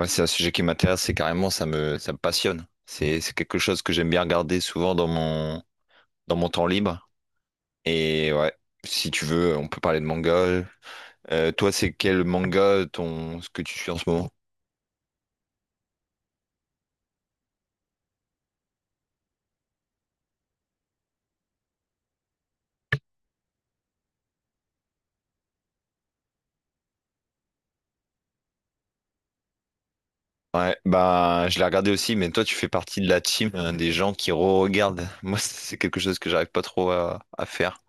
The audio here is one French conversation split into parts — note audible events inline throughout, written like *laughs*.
Ouais, c'est un sujet qui m'intéresse, c'est carrément, ça me passionne. C'est quelque chose que j'aime bien regarder souvent dans mon temps libre. Et ouais, si tu veux, on peut parler de manga. Toi, c'est quel manga ton, ce que tu suis en ce moment? Ouais, bah, je l'ai regardé aussi, mais toi, tu fais partie de la team, des gens qui re-regardent. *laughs* Moi, c'est quelque chose que j'arrive pas trop à faire.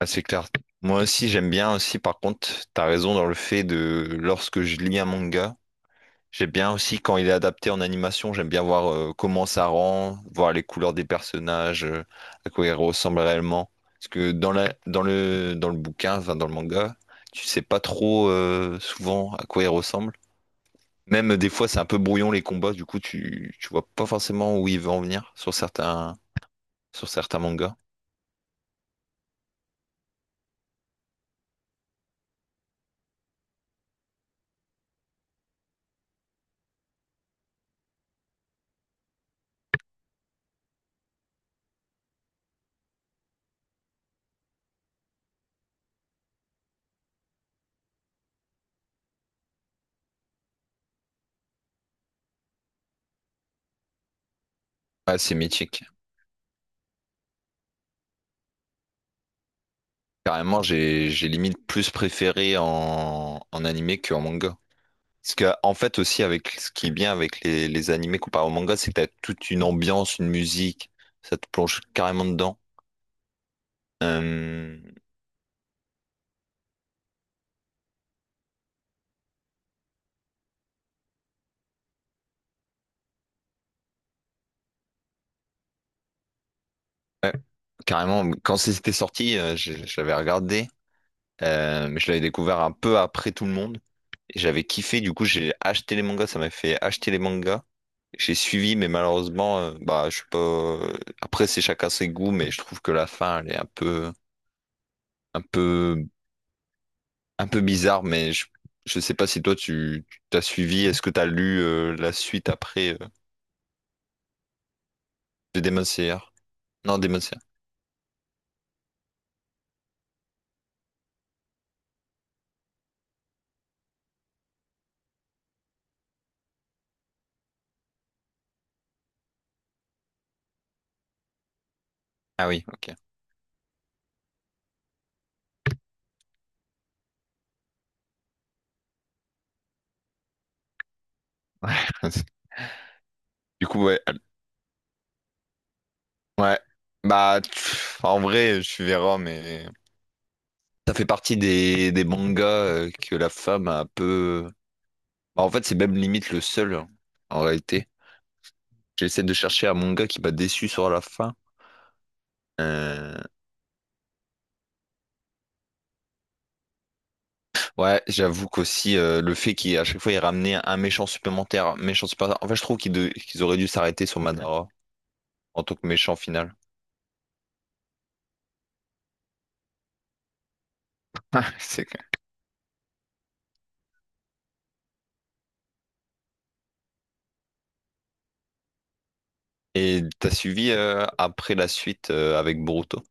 Ah, c'est clair. Moi aussi, j'aime bien aussi, par contre, t'as raison dans le fait de, lorsque je lis un manga, j'aime bien aussi quand il est adapté en animation, j'aime bien voir comment ça rend, voir les couleurs des personnages, à quoi ils ressemblent réellement. Parce que dans le bouquin, enfin dans le manga, tu sais pas trop souvent à quoi ils ressemblent. Même des fois, c'est un peu brouillon les combats, du coup, tu vois pas forcément où il veut en venir sur certains mangas. Ouais, c'est mythique. Carrément, j'ai limite plus préféré en, en animé qu'en manga. Parce que, en fait, aussi, avec ce qui est bien avec les animés comparé au manga, c'est que t'as toute une ambiance, une musique, ça te plonge carrément dedans. Euh, ouais, carrément, quand c'était sorti, je l'avais regardé, mais je l'avais découvert un peu après tout le monde. Et j'avais kiffé, du coup, j'ai acheté les mangas, ça m'a fait acheter les mangas. J'ai suivi, mais malheureusement, bah, je sais pas. Après, c'est chacun ses goûts, mais je trouve que la fin, elle est un peu un peu bizarre, mais je sais pas si toi tu t'as suivi. Est-ce que t'as lu la suite après de Demon Slayer? Non, Demon Slayer. Ah oui, ok. Ouais. *laughs* Du coup, ouais. Bah, pff, en vrai, je suis verras, mais ça fait partie des mangas que la femme a un peu. Bah, en fait, c'est même limite le seul, hein, en réalité. J'essaie de chercher un manga qui m'a déçu sur la fin. Euh, Ouais, j'avoue qu'aussi le fait qu'à chaque fois il ramenait un méchant supplémentaire. En fait, je trouve qu'ils auraient dû s'arrêter sur Madara en tant que méchant final. *laughs* C'est clair. Et t'as suivi après la suite avec Boruto?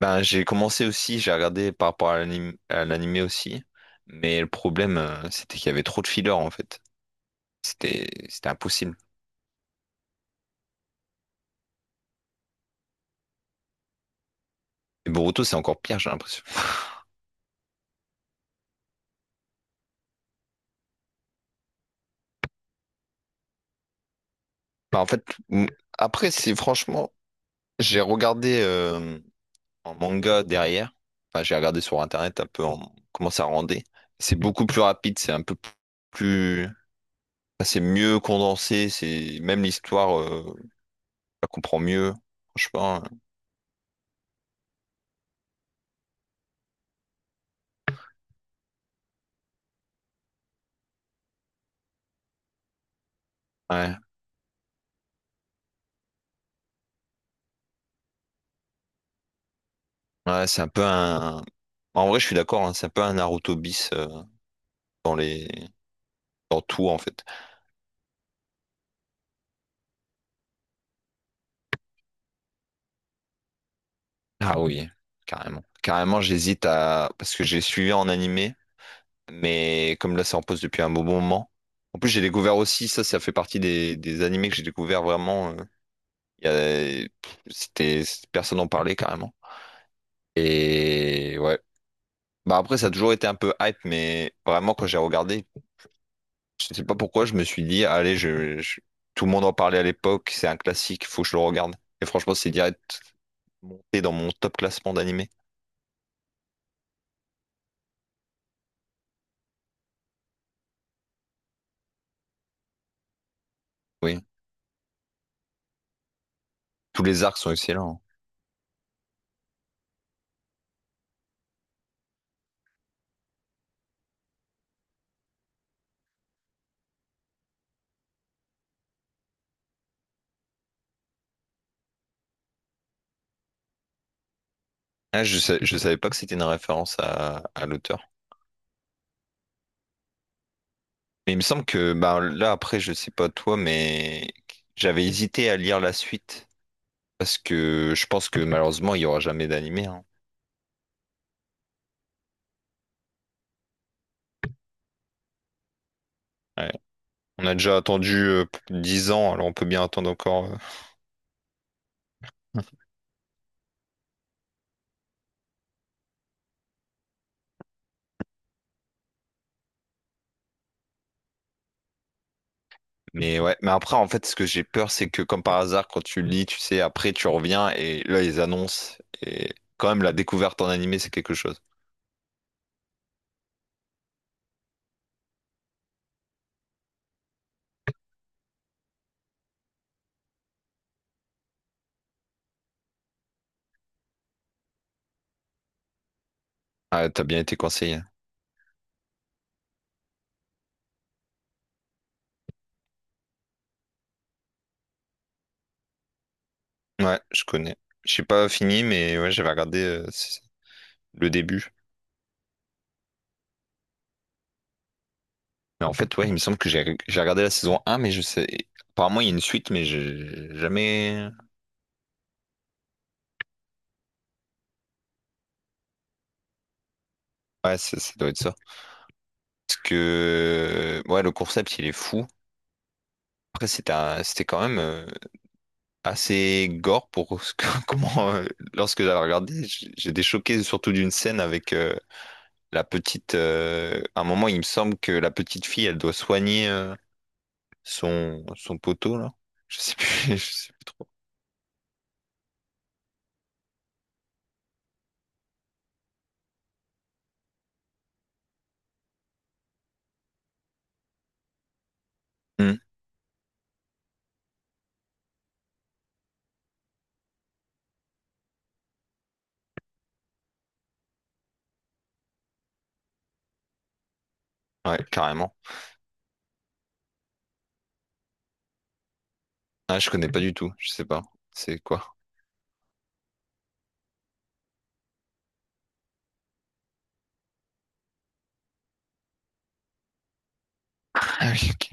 Ben j'ai commencé aussi, j'ai regardé par rapport à à l'animé aussi, mais le problème c'était qu'il y avait trop de fillers en fait. C'était impossible. Et Boruto c'est encore pire, j'ai l'impression. *laughs* Bah, en fait, m- après, c'est franchement, j'ai regardé. En manga derrière. Enfin, j'ai regardé sur internet un peu comment ça rendait. C'est beaucoup plus rapide, c'est un peu plus, enfin, c'est mieux condensé, c'est même l'histoire, je la comprends mieux. Franchement, euh, ouais, ouais, c'est un peu un. En vrai, je suis d'accord, hein, c'est un peu un Naruto bis dans les, dans tout en fait. Ah oui, carrément, j'hésite à parce que j'ai suivi en animé, mais comme là, c'est en pause depuis un bon moment. En plus, j'ai découvert aussi, ça fait partie des animés que j'ai découvert vraiment. Il y a- C'était, personne n'en parlait carrément. Et ouais. Bah après, ça a toujours été un peu hype, mais vraiment, quand j'ai regardé, je sais pas pourquoi, je me suis dit, tout le monde en parlait à l'époque, c'est un classique, faut que je le regarde. Et franchement, c'est direct monté dans mon top classement d'animé. Oui. Tous les arcs sont excellents, hein. Ah, je savais pas que c'était une référence à l'auteur. Mais il me semble que, bah là, après, je sais pas toi, mais j'avais hésité à lire la suite. Parce que je pense que malheureusement, il y aura jamais d'animé, hein. Ouais. On a déjà attendu 10 ans, alors on peut bien attendre encore. Mais ouais, mais après, en fait, ce que j'ai peur, c'est que comme par hasard, quand tu lis, tu sais, après, tu reviens et là, ils annoncent. Et quand même, la découverte en animé, c'est quelque chose. Ah, t'as bien été conseillé. Ouais, je connais. J'ai pas fini, mais ouais, j'avais regardé le début. Mais en fait, ouais, il me semble que j'ai regardé la saison un, mais je sais. Apparemment, il y a une suite, mais j'ai jamais. Ouais, ça doit être ça. Parce que. Ouais, le concept, il est fou. Après, c'était quand même. Assez gore pour *laughs* comment lorsque j'avais regardé j'étais choqué surtout d'une scène avec la petite à un moment il me semble que la petite fille elle doit soigner son poteau là je sais plus *laughs* je sais plus trop. Hmm. Ouais, carrément. Ah, je connais pas du tout, je sais pas c'est quoi. *laughs* Ah oui, ok.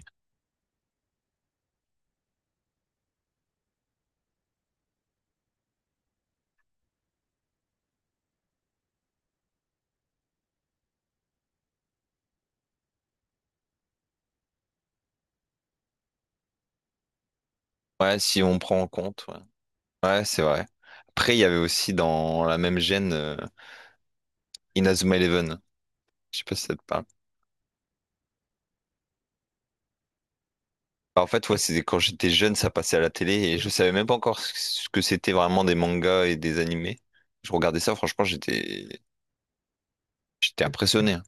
Ouais, si on prend en compte, ouais, ouais, c'est vrai, après il y avait aussi dans la même gêne Inazuma Eleven, je sais pas si ça te parle. Bah, en fait, ouais, c'est quand j'étais jeune, ça passait à la télé et je savais même pas encore ce que c'était vraiment des mangas et des animés. Je regardais ça, franchement, j'étais impressionné, hein.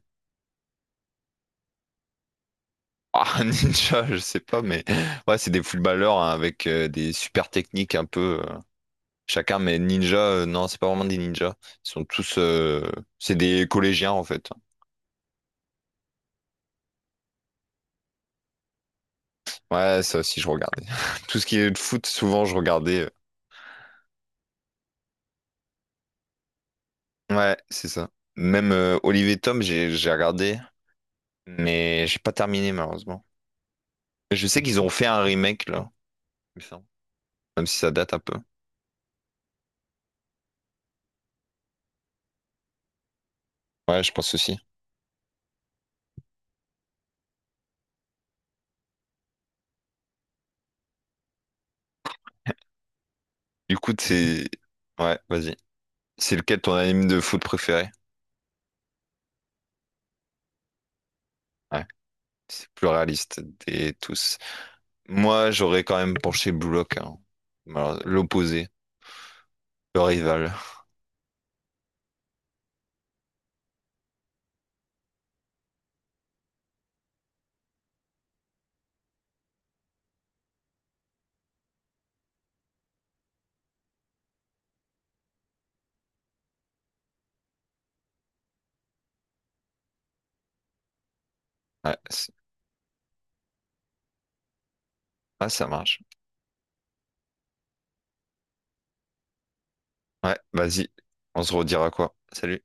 Ah, *laughs* un ninja, je sais pas, mais ouais, c'est des footballeurs hein, avec des super techniques un peu chacun, mais ninja, non, c'est pas vraiment des ninjas. Ils sont tous, c'est des collégiens en fait. Ouais, ça aussi, je regardais. *laughs* Tout ce qui est de foot, souvent, je regardais. Ouais, c'est ça. Même Olivier Tom, j'ai regardé, mais j'ai pas terminé malheureusement. Je sais qu'ils ont fait un remake là, il me semble. Même si ça date un peu. Ouais, je pense aussi. Du coup, c'est... Ouais, vas-y. C'est lequel ton anime de foot préféré? Ouais, c'est le plus réaliste des tous. Moi, j'aurais quand même penché Blue Lock, hein. Alors, l'opposé, le rival. Ouais, c'est- ah, ça marche. Ouais, vas-y. On se redira quoi? Salut.